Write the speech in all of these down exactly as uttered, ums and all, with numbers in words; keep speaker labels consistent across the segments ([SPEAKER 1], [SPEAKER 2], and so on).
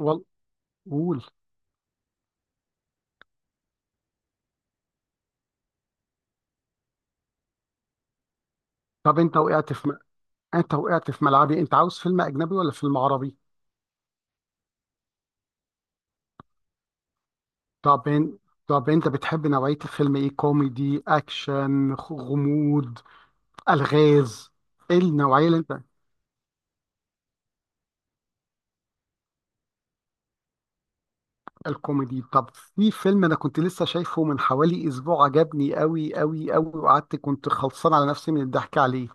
[SPEAKER 1] وال... قول. طب انت وقعت في م... انت وقعت في ملعبي. انت عاوز فيلم اجنبي ولا فيلم عربي؟ طب ان... طب انت بتحب نوعية الفيلم ايه؟ كوميدي، اكشن، خ- غموض، الغاز؟ ايه النوعية اللي انت؟ الكوميدي. طب في فيلم انا كنت لسه شايفه من حوالي اسبوع، عجبني قوي قوي قوي، وقعدت كنت خلصان على نفسي من الضحك عليه.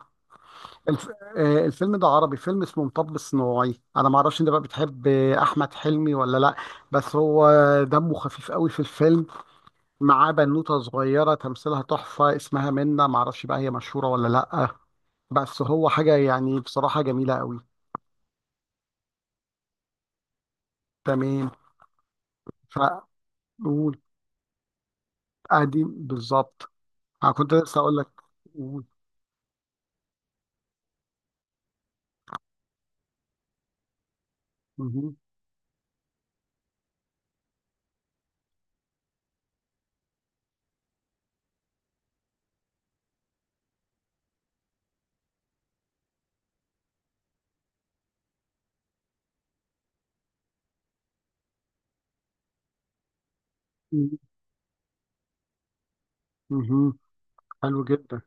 [SPEAKER 1] الف... آه، الفيلم ده عربي، فيلم اسمه مطب صناعي. انا ما اعرفش انت بقى بتحب آه، احمد حلمي ولا لا؟ بس هو دمه خفيف قوي في الفيلم. معاه بنوتة صغيرة تمثيلها تحفة، اسمها منة، معرفش بقى هي مشهورة ولا لأ. بس هو حاجة يعني بصراحة جميلة قوي. تمام. فقول. ادي بالظبط. انا كنت لسه اقول لك. قول. مهم. مهم. مهم. حلو جدا.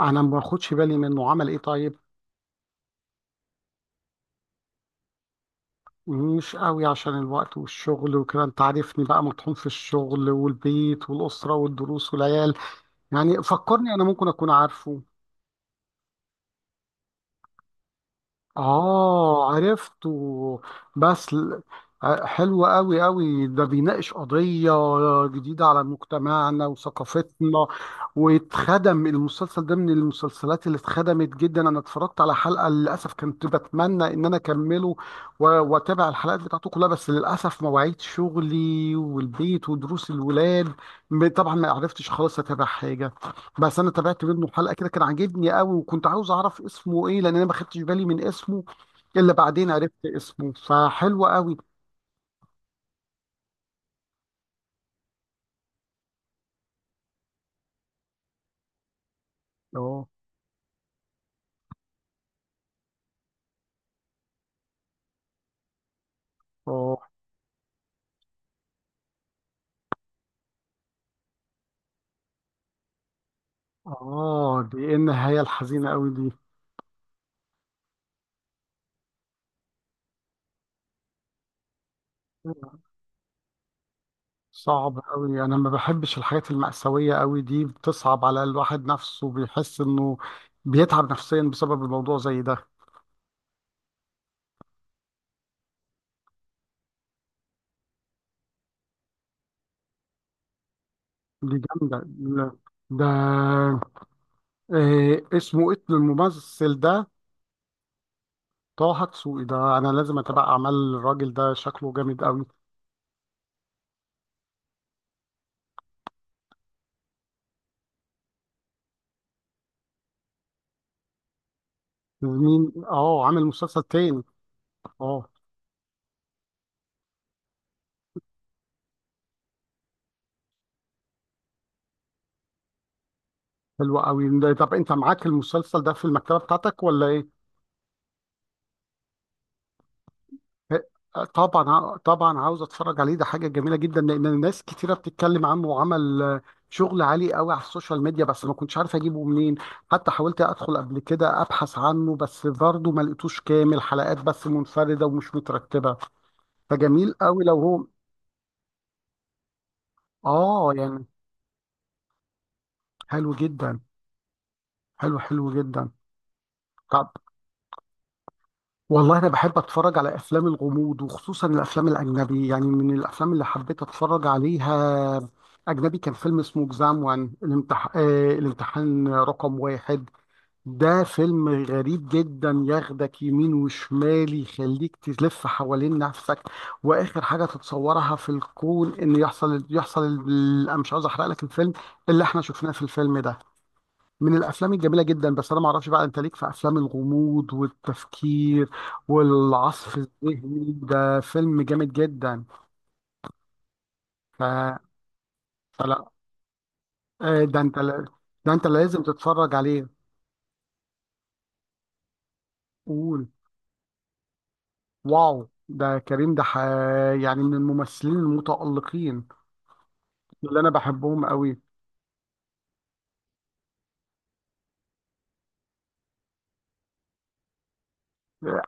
[SPEAKER 1] انا ما باخدش بالي منه. عمل ايه طيب؟ مش قوي، عشان الوقت والشغل وكده، انت عارفني بقى مطحون في الشغل والبيت والأسرة والدروس والعيال. يعني فكرني، انا ممكن اكون عارفه. آه، عرفته. بس ل- ع- حلو أوي أوي، ده بيناقش قضية جديدة على مجتمعنا وثقافتنا. واتخدم المسلسل ده من المسلسلات اللي اتخدمت جدا. أنا اتفرجت على حلقة، للأسف كنت بتمنى إن أنا أكمله و- وأتابع الحلقات بتاعته كلها، بس للأسف مواعيد شغلي والبيت ودروس الولاد. م- طبعا ما عرفتش خالص أتابع حاجة. بس انا تابعت منه حلقه كده كان عاجبني قوي، وكنت عاوز اعرف اسمه ايه، لان انا ما خدتش بالي من اسمه. الا بعدين عرفت اسمه، فحلو قوي. اه. اه. اه، دي ايه النهايه الحزينه قوي دي؟ صعب قوي، انا ما بحبش الحاجات المأساوية قوي دي، بتصعب على الواحد نفسه، بيحس انه بيتعب نفسيا بسبب الموضوع زي ده. دي جامدة. لا، ده، إيه اسمه؟ إيه الممثل ده؟ طه حقسوقي ده انا لازم اتابع اعمال الراجل ده، شكله جامد قوي. مين؟ اه، عامل مسلسل تاني؟ اه. حلو قوي. ده- طب انت معاك المسلسل ده في المكتبه بتاعتك ولا ايه؟ ه- طبعا، ع- طبعا عاوز اتفرج عليه. ده حاجه جميله جدا، لان ناس كتيره بتتكلم عنه، وعمل آه، شغل عالي قوي على السوشيال ميديا، بس ما كنتش عارف اجيبه منين. حتى حاولت ادخل قبل كده ابحث عنه، بس برضه ما لقيتوش كامل، حلقات بس منفرده ومش مترتبه. فجميل قوي لو هو. اه يعني. حلو جدا. حلو، حلو جدا. طب، والله انا بحب اتفرج على افلام الغموض، وخصوصا الافلام الاجنبي. يعني من الافلام اللي حبيت اتفرج عليها اجنبي، كان فيلم اسمه اكزام وان، الامتح... آه الامتحان رقم واحد. ده فيلم غريب جدا، ياخدك يمين وشمال، يخليك تلف حوالين نفسك. واخر حاجه تتصورها في الكون ان يحصل، يحصل ال- انا مش عاوز احرق لك الفيلم اللي احنا شفناه في الفيلم ده. من الافلام الجميله جدا، بس انا ما اعرفش بقى انت ليك في افلام الغموض والتفكير والعصف الذهني. ده فيلم جامد جدا. ف... فلا آه، ده انت لا- ده انت لازم تتفرج عليه. قول. واو، ده كريم، ده ح... يعني من الممثلين المتألقين اللي انا بحبهم قوي.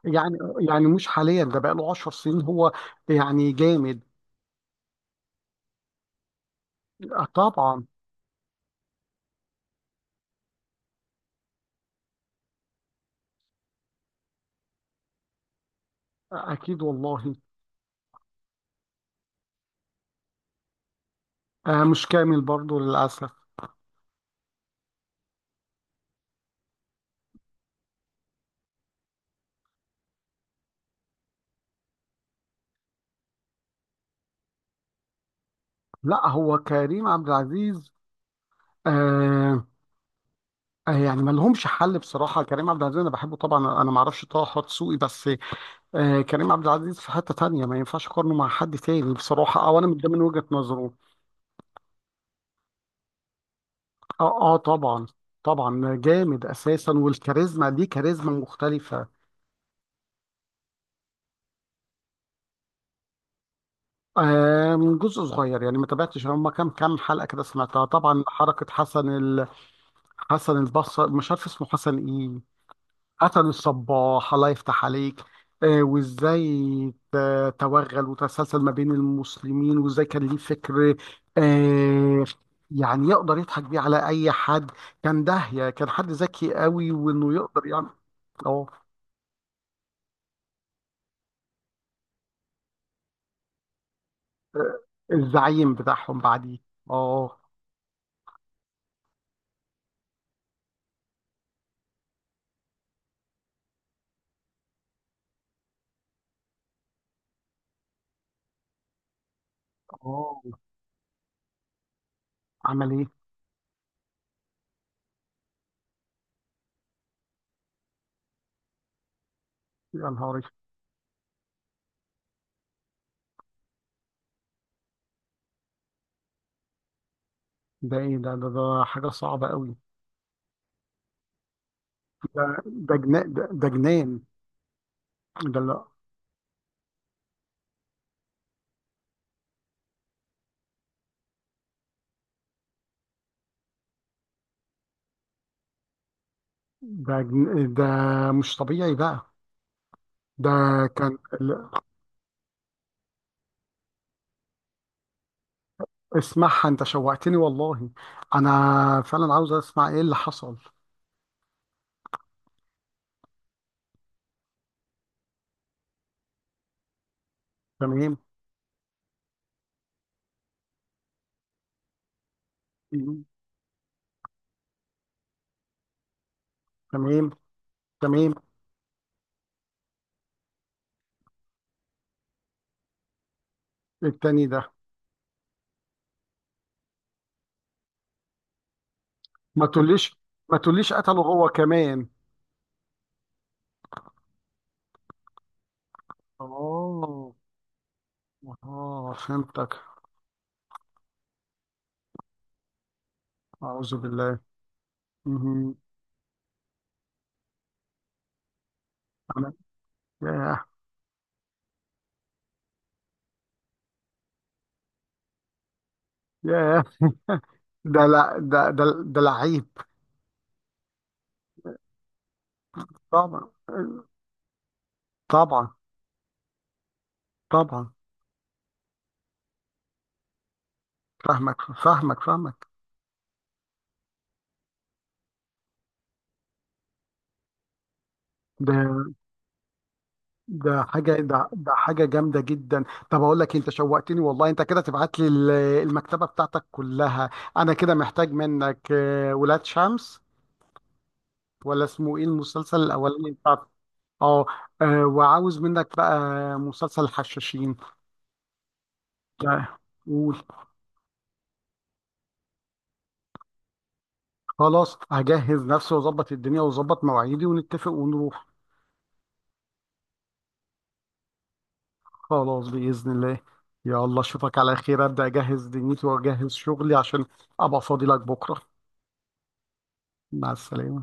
[SPEAKER 1] يعني، يعني مش حاليا، ده بقاله 10 سنين هو، يعني جامد. آه، طبعا. آه، اكيد والله. آه، مش كامل برضه للاسف. لا، هو كريم عبد العزيز آه، آه، يعني ما لهمش حل بصراحه. كريم عبد العزيز انا بحبه طبعا، انا ما اعرفش طه دسوقي، بس آه كريم عبد العزيز في حته تانية، ما ينفعش اقارنه مع حد تاني بصراحه، او انا من ده من وجهه نظره. اه، اه طبعا. طبعا، جامد اساسا، والكاريزما دي كاريزما مختلفه. آه من جزء صغير يعني، ما تابعتش هم كام كام حلقه كده، سمعتها طبعا حركه حسن ال... حسن البصري، مش عارف اسمه حسن ايه. قتلوا الصباح، الله يفتح عليك. آه، وازاي ت- توغل وتسلسل ما بين المسلمين، وازاي كان ليه فكر، آه، يعني يقدر يضحك بيه على اي حد. كان داهية، كان حد ذكي قوي، وانه يقدر يعمل. اه، الزعيم بتاعهم بعديه. اه. اه، عمل ايه؟ يا نهاري. ده ايه ده؟ ده, ده حاجة صعبة قوي. ده جنان، ده, ده جنان. ده لا. ده جن... ده مش طبيعي بقى. ده كان. اسمعها، انت شوقتني والله، انا فعلا عاوز اسمع ايه اللي حصل. تمام. مم. تمام. تمام. التاني ده. ما تقوليش، ما تقوليش قتله هو كمان. اه، اه فهمتك. اعوذ بالله. مهم. انا. ياه. ياه. ده لا، ده ده ده لعيب. طبعا. طبعا. طبعا. فاهمك، فاهمك، فاهمك. ده، ده حاجة ده, ده حاجة جامدة جدا. طب أقول لك إيه، أنت شوقتني والله. أنت كده تبعت لي ال- المكتبة بتاعتك كلها. أنا كده محتاج منك آه، ولاد شمس، ولا اسمه إيه المسلسل الأولاني بتاع؟ أه. آه، وعاوز منك بقى مسلسل الحشاشين. ده- قول. خلاص، هجهز نفسي وأظبط الدنيا وأظبط مواعيدي ونتفق ونروح. خلاص بإذن الله. يلا أشوفك على خير، أبدأ أجهز دنيتي وأجهز شغلي عشان أبقى فاضي لك بكرة. مع السلامة.